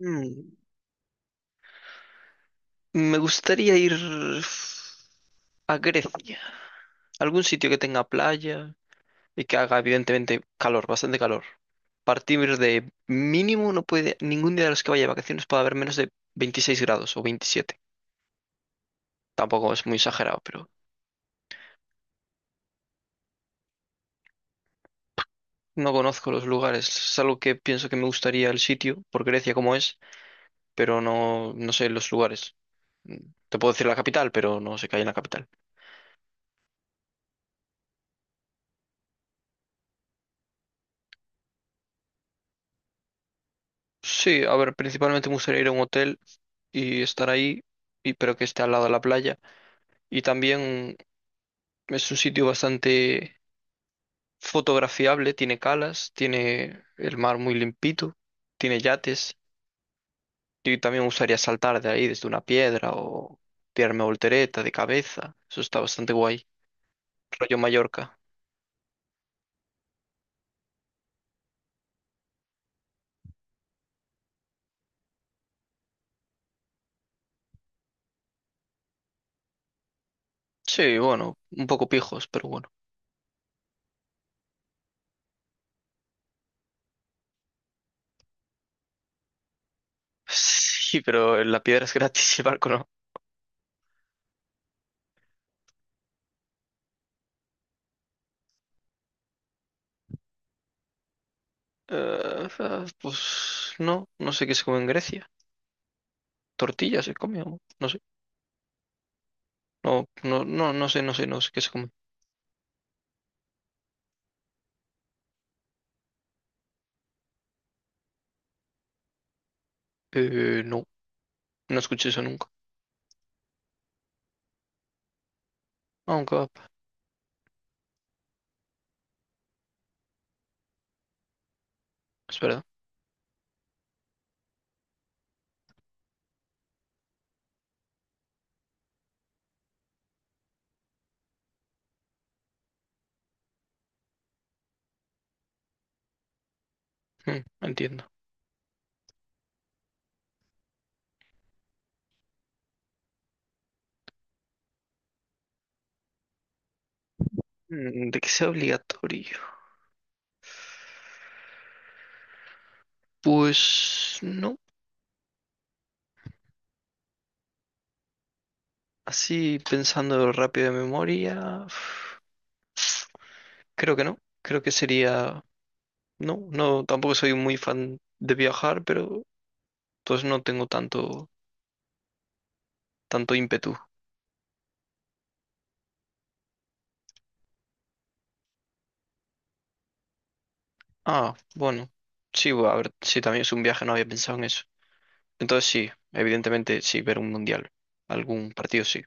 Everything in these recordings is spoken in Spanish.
Mm, Me gustaría ir a Grecia, algún sitio que tenga playa y que haga evidentemente calor, bastante calor. Partir de mínimo no puede, ningún día de los que vaya de vacaciones puede haber menos de 26 grados o 27. Tampoco es muy exagerado, pero no conozco los lugares. Es algo que pienso que me gustaría el sitio, por Grecia como es, pero no sé los lugares. Mm, Te puedo decir la capital, pero no sé qué hay en la capital. Sí, a ver, principalmente me gustaría ir a un hotel y estar ahí, y, pero que esté al lado de la playa. Y también es un sitio bastante fotografiable, tiene calas, tiene el mar muy limpito, tiene yates. Y también me gustaría saltar de ahí desde una piedra o tirarme voltereta de cabeza. Eso está bastante guay. Rollo Mallorca. Sí, bueno, un poco pijos, pero bueno. Sí, pero la piedra es gratis y el barco no. Eh, pues no, no sé qué se come en Grecia. Tortillas se come, o no sé. No sé, no sé, no sé qué se come. No, no escuché eso nunca. Aunque es verdad. Mm, entiendo. Mm, de que sea obligatorio. Pues no. Así pensando rápido de memoria. Creo que no. Creo que sería. No, no, tampoco soy muy fan de viajar, pero entonces no tengo tanto, tanto ímpetu. Ah, bueno. Sí, a ver, sí, también es un viaje, no había pensado en eso. Entonces sí, evidentemente sí, ver un mundial. Algún partido sí.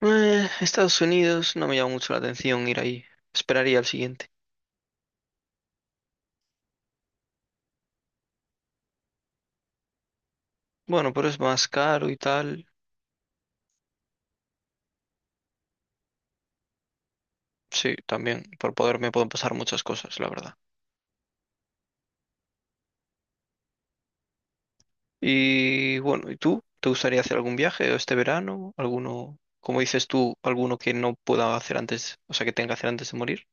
Estados Unidos no me llama mucho la atención ir ahí. Esperaría al siguiente. Bueno, pero es más caro y tal. Sí, también. Por poder me pueden pasar muchas cosas, la verdad. Y bueno, ¿y tú? ¿Te gustaría hacer algún viaje este verano? ¿Alguno, como dices tú, alguno que no pueda hacer antes, o sea, que tenga que hacer antes de morir?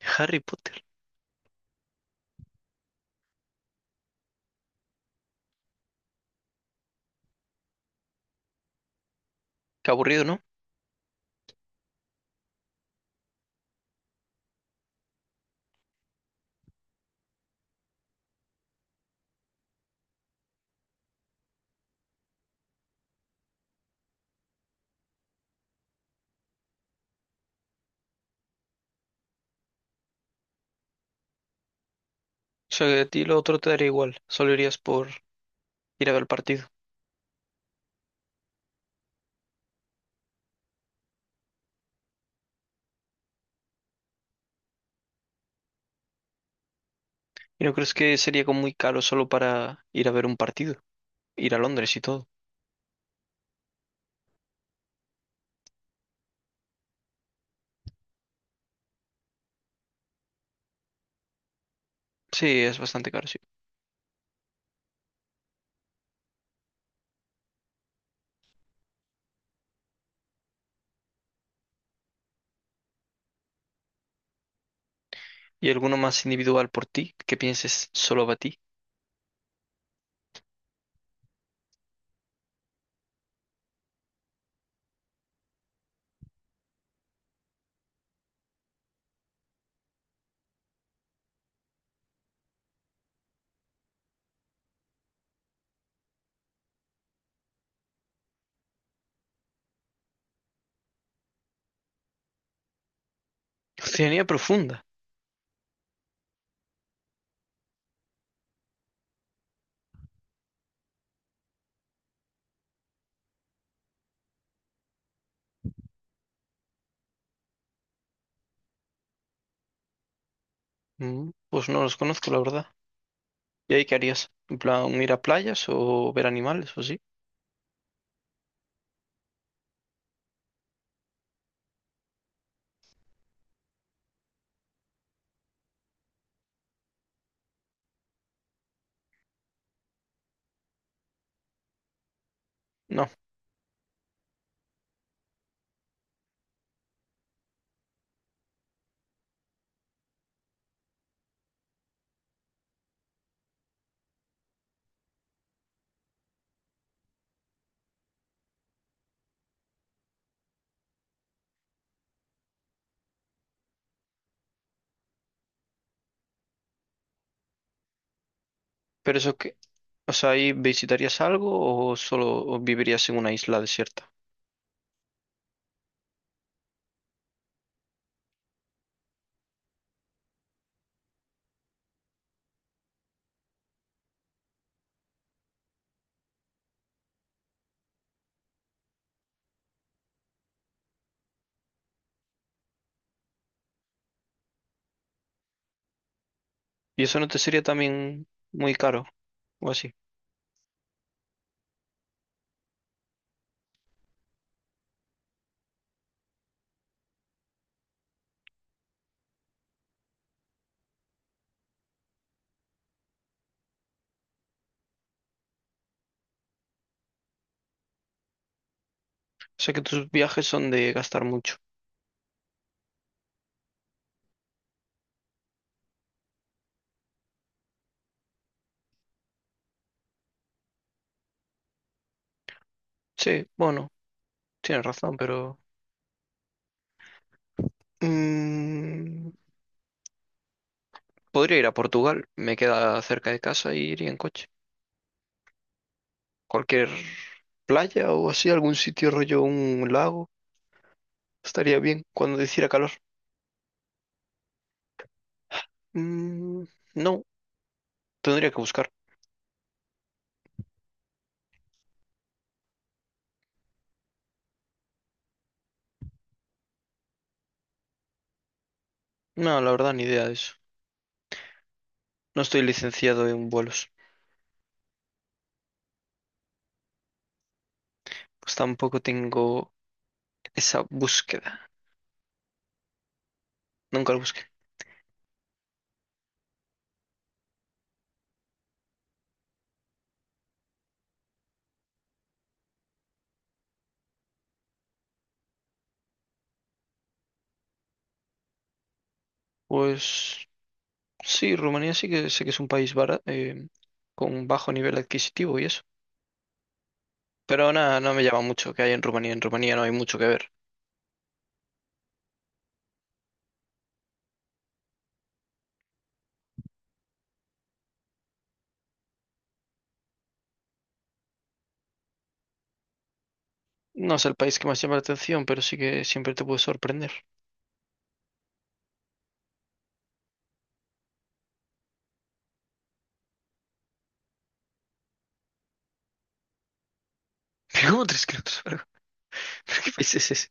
Harry Potter. Qué aburrido, ¿no? O sea, que a ti lo otro te daría igual. Solo irías por ir a ver el partido. ¿Y no crees que sería como muy caro solo para ir a ver un partido? Ir a Londres y todo. Sí, es bastante caro, sí. ¿Y alguno más individual por ti que pienses solo para ti? Oceanía profunda. Pues no los conozco, la verdad. ¿Y ahí qué harías? ¿En plan ir a playas o ver animales o sí? No. ¿Pero eso qué? O sea, ¿ahí visitarías algo o solo o vivirías en una isla desierta? ¿Y eso no te sería también muy caro o así? O sea que tus viajes son de gastar mucho. Sí, bueno. Tienes razón, pero... mm, podría ir a Portugal, me queda cerca de casa y iría en coche. Cualquier playa o así, algún sitio rollo, un lago, estaría bien cuando hiciera calor. Mm, no, tendría que buscar. No, la verdad, ni idea de eso. No estoy licenciado en vuelos, pues tampoco tengo esa búsqueda. Nunca la busqué. Pues sí, Rumanía sí que sé que es un país con bajo nivel adquisitivo y eso. Pero nada, no me llama mucho que hay en Rumanía. En Rumanía no hay mucho que ver. No es el país que más llama la atención, pero sí que siempre te puede sorprender. Pero ¿cómo 3 kilómetros? ¿Pero qué país es ese?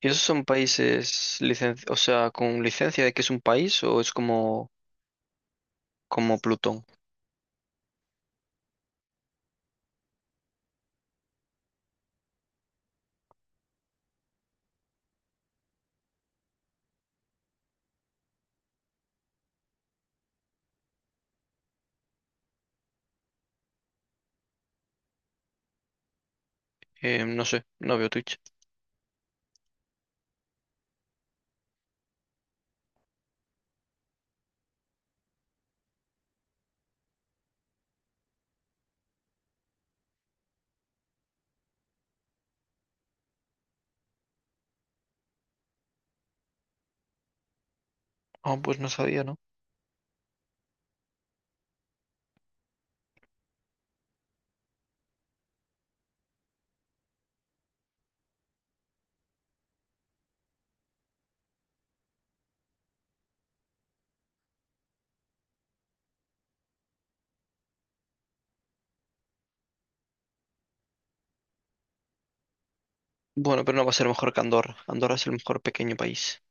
¿Y esos son países o sea, con licencia de que es un país o es como, como Plutón? No sé, no veo Twitch. Ah, pues no sabía, ¿no? Bueno, pero no va a ser mejor que Andorra. Andorra es el mejor pequeño país.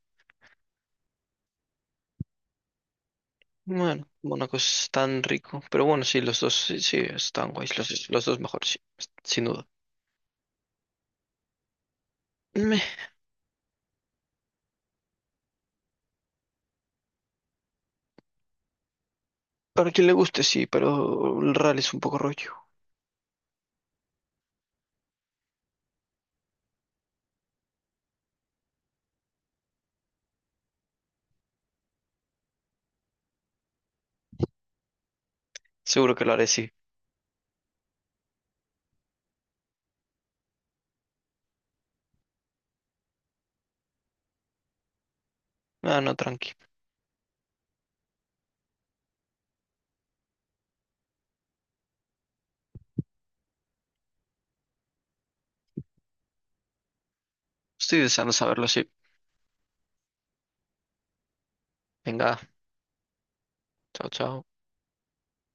Bueno, Mónaco es tan rico. Pero bueno, sí, los dos sí, sí, están guays. Los dos mejores, sí, sin duda. Me para quien le guste, sí, pero el rally es un poco rollo. Seguro que lo haré, sí. Ah, no, tranqui. Estoy deseando saberlo, sí. Venga, chao, chao.